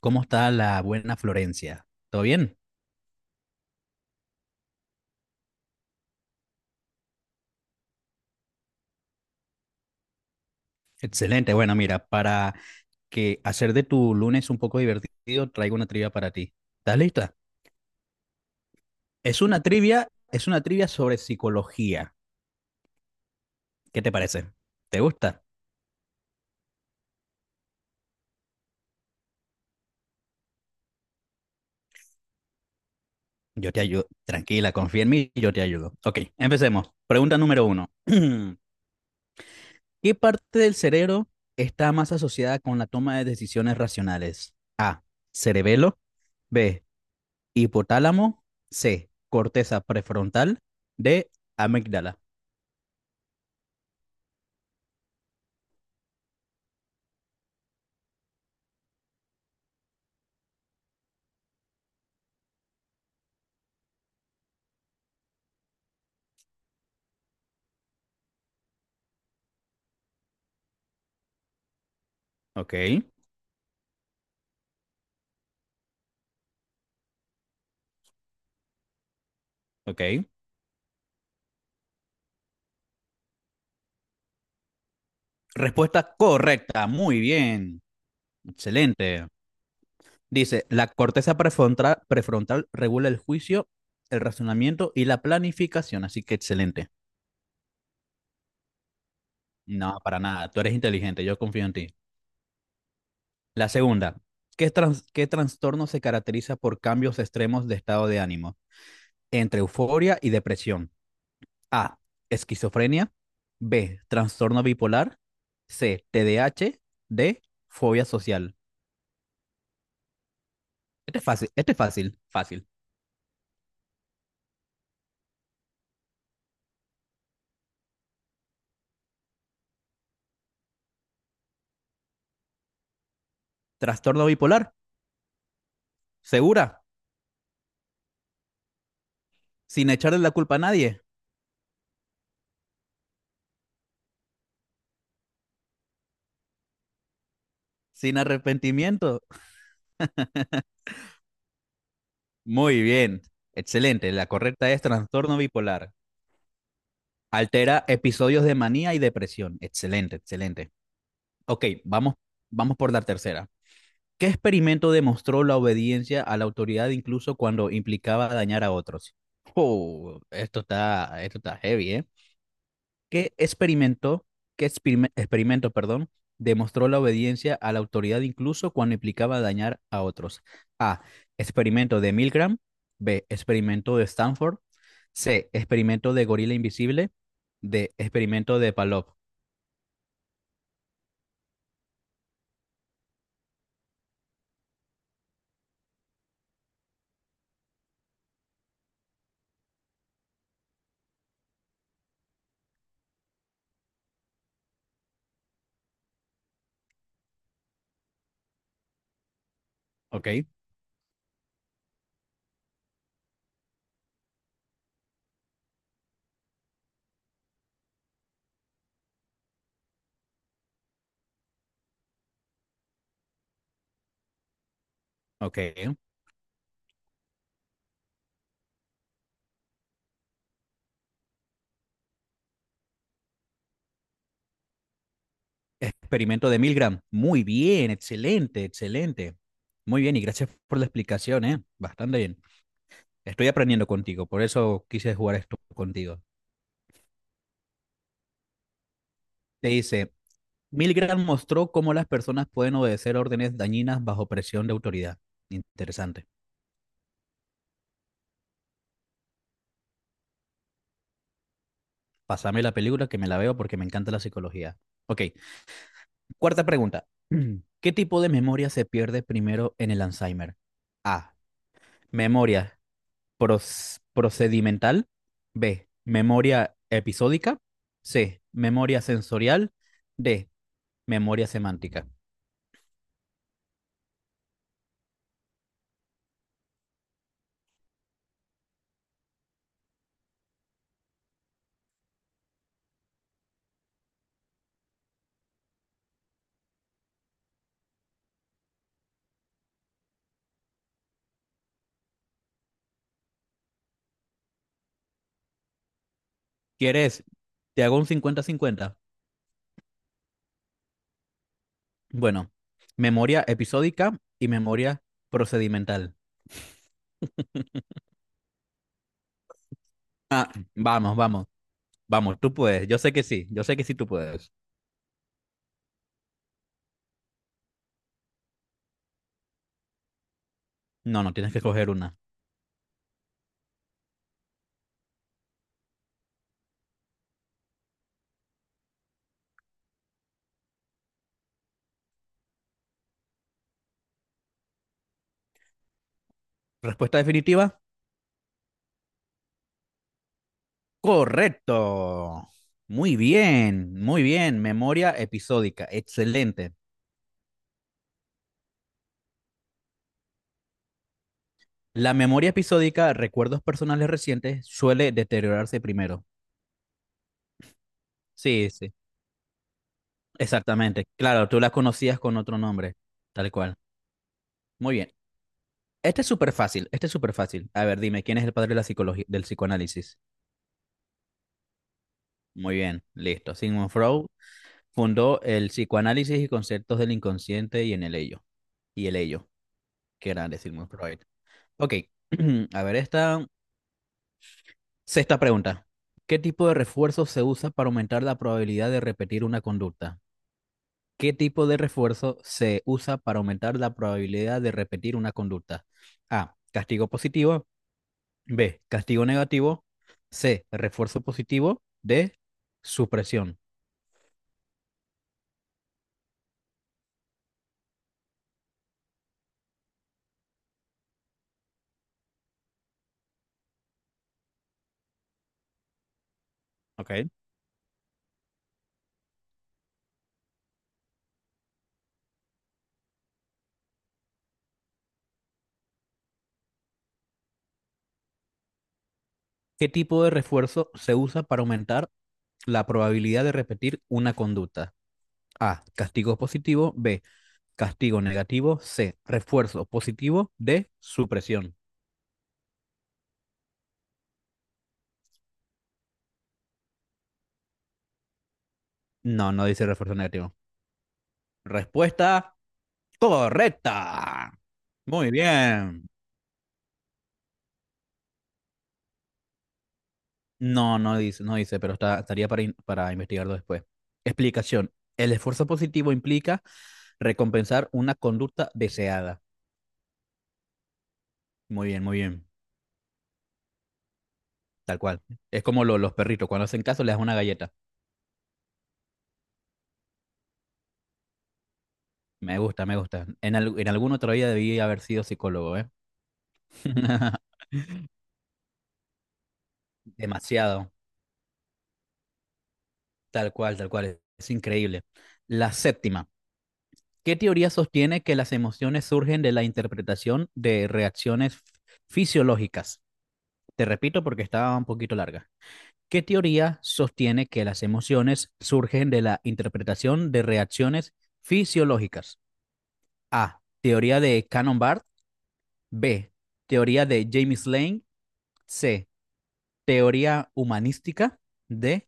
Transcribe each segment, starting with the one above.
¿Cómo está la buena Florencia? ¿Todo bien? Excelente. Bueno, mira, para que hacer de tu lunes un poco divertido, traigo una trivia para ti. ¿Estás lista? Es una trivia sobre psicología. ¿Qué te parece? ¿Te gusta? Yo te ayudo. Tranquila, confía en mí, y yo te ayudo. Ok, empecemos. Pregunta número uno. ¿Qué parte del cerebro está más asociada con la toma de decisiones racionales? A. Cerebelo. B. Hipotálamo. C. Corteza prefrontal. D. Amígdala. Ok, ok. Respuesta correcta. Muy bien. Excelente. Dice, la corteza prefrontal, prefrontal regula el juicio, el razonamiento y la planificación. Así que excelente. No, para nada. Tú eres inteligente. Yo confío en ti. La segunda. ¿Qué trastorno se caracteriza por cambios extremos de estado de ánimo entre euforia y depresión? A. Esquizofrenia. B. Trastorno bipolar. C. TDAH. D. A H. D, Fobia social. Este es fácil, fácil. Trastorno bipolar. Segura. Sin echarle la culpa a nadie. Sin arrepentimiento. Muy bien. Excelente. La correcta es trastorno bipolar. Altera episodios de manía y depresión. Excelente, excelente. Ok, vamos por la tercera. ¿Qué experimento demostró la obediencia a la autoridad incluso cuando implicaba dañar a otros? Oh, esto está heavy, ¿eh? ¿Qué experimento, qué experime- Experimento, perdón, demostró la obediencia a la autoridad incluso cuando implicaba dañar a otros? A. Experimento de Milgram. B. Experimento de Stanford. C. Experimento de Gorila Invisible. D. Experimento de Palop. Ok, ok. Experimento de Milgram. Muy bien, excelente, excelente. Muy bien, y gracias por la explicación, ¿eh? Bastante bien. Estoy aprendiendo contigo, por eso quise jugar esto contigo. Te dice, Milgram mostró cómo las personas pueden obedecer órdenes dañinas bajo presión de autoridad. Interesante. Pásame la película que me la veo porque me encanta la psicología. Ok, cuarta pregunta. ¿Qué tipo de memoria se pierde primero en el Alzheimer? A. Memoria procedimental. B. Memoria episódica. C. Memoria sensorial. D. Memoria semántica. ¿Quieres? Te hago un 50/50. Bueno, memoria episódica y memoria procedimental. Vamos, vamos, vamos, tú puedes. Yo sé que sí, tú puedes. No, no, tienes que coger una. Respuesta definitiva. Correcto. Muy bien, muy bien. Memoria episódica. Excelente. La memoria episódica, recuerdos personales recientes, suele deteriorarse primero. Sí, sí, exactamente. Claro, tú la conocías con otro nombre, tal cual. Muy bien. Este es súper fácil, este es súper fácil. A ver, dime, ¿quién es el padre de la psicología, del psicoanálisis? Muy bien, listo. Sigmund Freud fundó el psicoanálisis y conceptos del inconsciente y en el ello. Y el ello, qué grande Sigmund Freud. Ok, a ver, esta sexta pregunta. ¿Qué tipo de refuerzo se usa para aumentar la probabilidad de repetir una conducta? ¿Qué tipo de refuerzo se usa para aumentar la probabilidad de repetir una conducta? A. Castigo positivo. B. Castigo negativo. C. Refuerzo positivo. D. Supresión. ¿Ok? ¿Qué tipo de refuerzo se usa para aumentar la probabilidad de repetir una conducta? A. Castigo positivo. B. Castigo negativo. C. Refuerzo positivo. D. Supresión. No, no dice refuerzo negativo. Respuesta correcta. Muy bien. No, no dice, no dice, pero está, estaría para, para investigarlo después. Explicación. El esfuerzo positivo implica recompensar una conducta deseada. Muy bien, muy bien. Tal cual. Es como los perritos. Cuando hacen caso, les das una galleta. Me gusta, me gusta. En alguna otra vida debí haber sido psicólogo, ¿eh? Demasiado. Tal cual, tal cual. Es increíble. La séptima. ¿Qué teoría sostiene que las emociones surgen de la interpretación de reacciones fisiológicas? Te repito porque estaba un poquito larga. ¿Qué teoría sostiene que las emociones surgen de la interpretación de reacciones fisiológicas? A. Teoría de cannon Barth. B. Teoría de James Lane. C. Teoría humanística. D.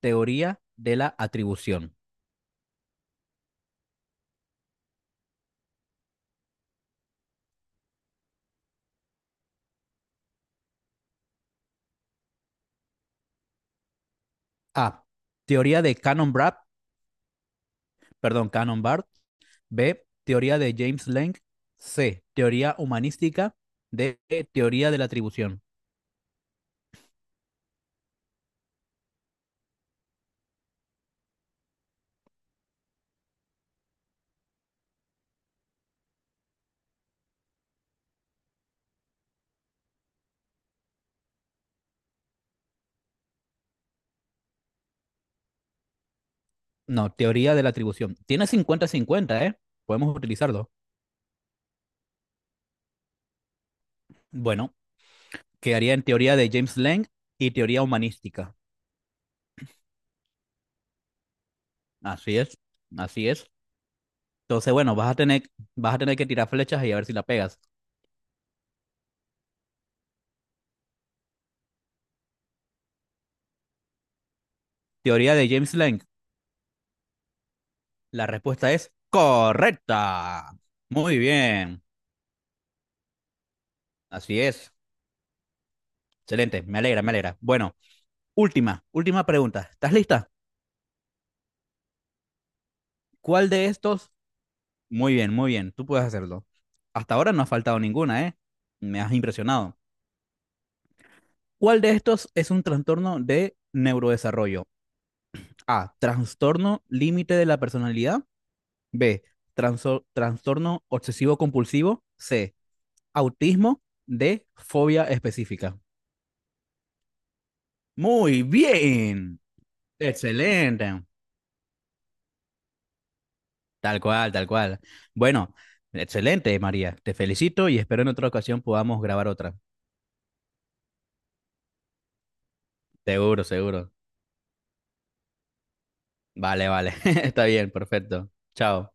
Teoría de la atribución. A. Teoría de cannon Barth. Perdón, cannon Barth. B. Teoría de James Lane. C. Teoría humanística. D. Teoría de la atribución. No, teoría de la atribución. Tiene cincuenta-cincuenta, ¿eh? Podemos utilizarlo. Bueno, quedaría en teoría de James Lang y teoría humanística. Así es, así es. Entonces, bueno, vas a tener que tirar flechas y a ver si la pegas. Teoría de James Lang. La respuesta es correcta. Muy bien. Así es. Excelente. Me alegra, me alegra. Bueno, última, última pregunta. ¿Estás lista? ¿Cuál de estos? Muy bien, muy bien. Tú puedes hacerlo. Hasta ahora no ha faltado ninguna, ¿eh? Me has impresionado. ¿Cuál de estos es un trastorno de neurodesarrollo? A. Trastorno límite de la personalidad. B. Trastorno obsesivo compulsivo. C. Autismo. D. Fobia específica. Muy bien. Excelente. Tal cual, tal cual. Bueno, excelente, María. Te felicito y espero en otra ocasión podamos grabar otra. Seguro, seguro. Vale, vale. Está bien, perfecto. Chao.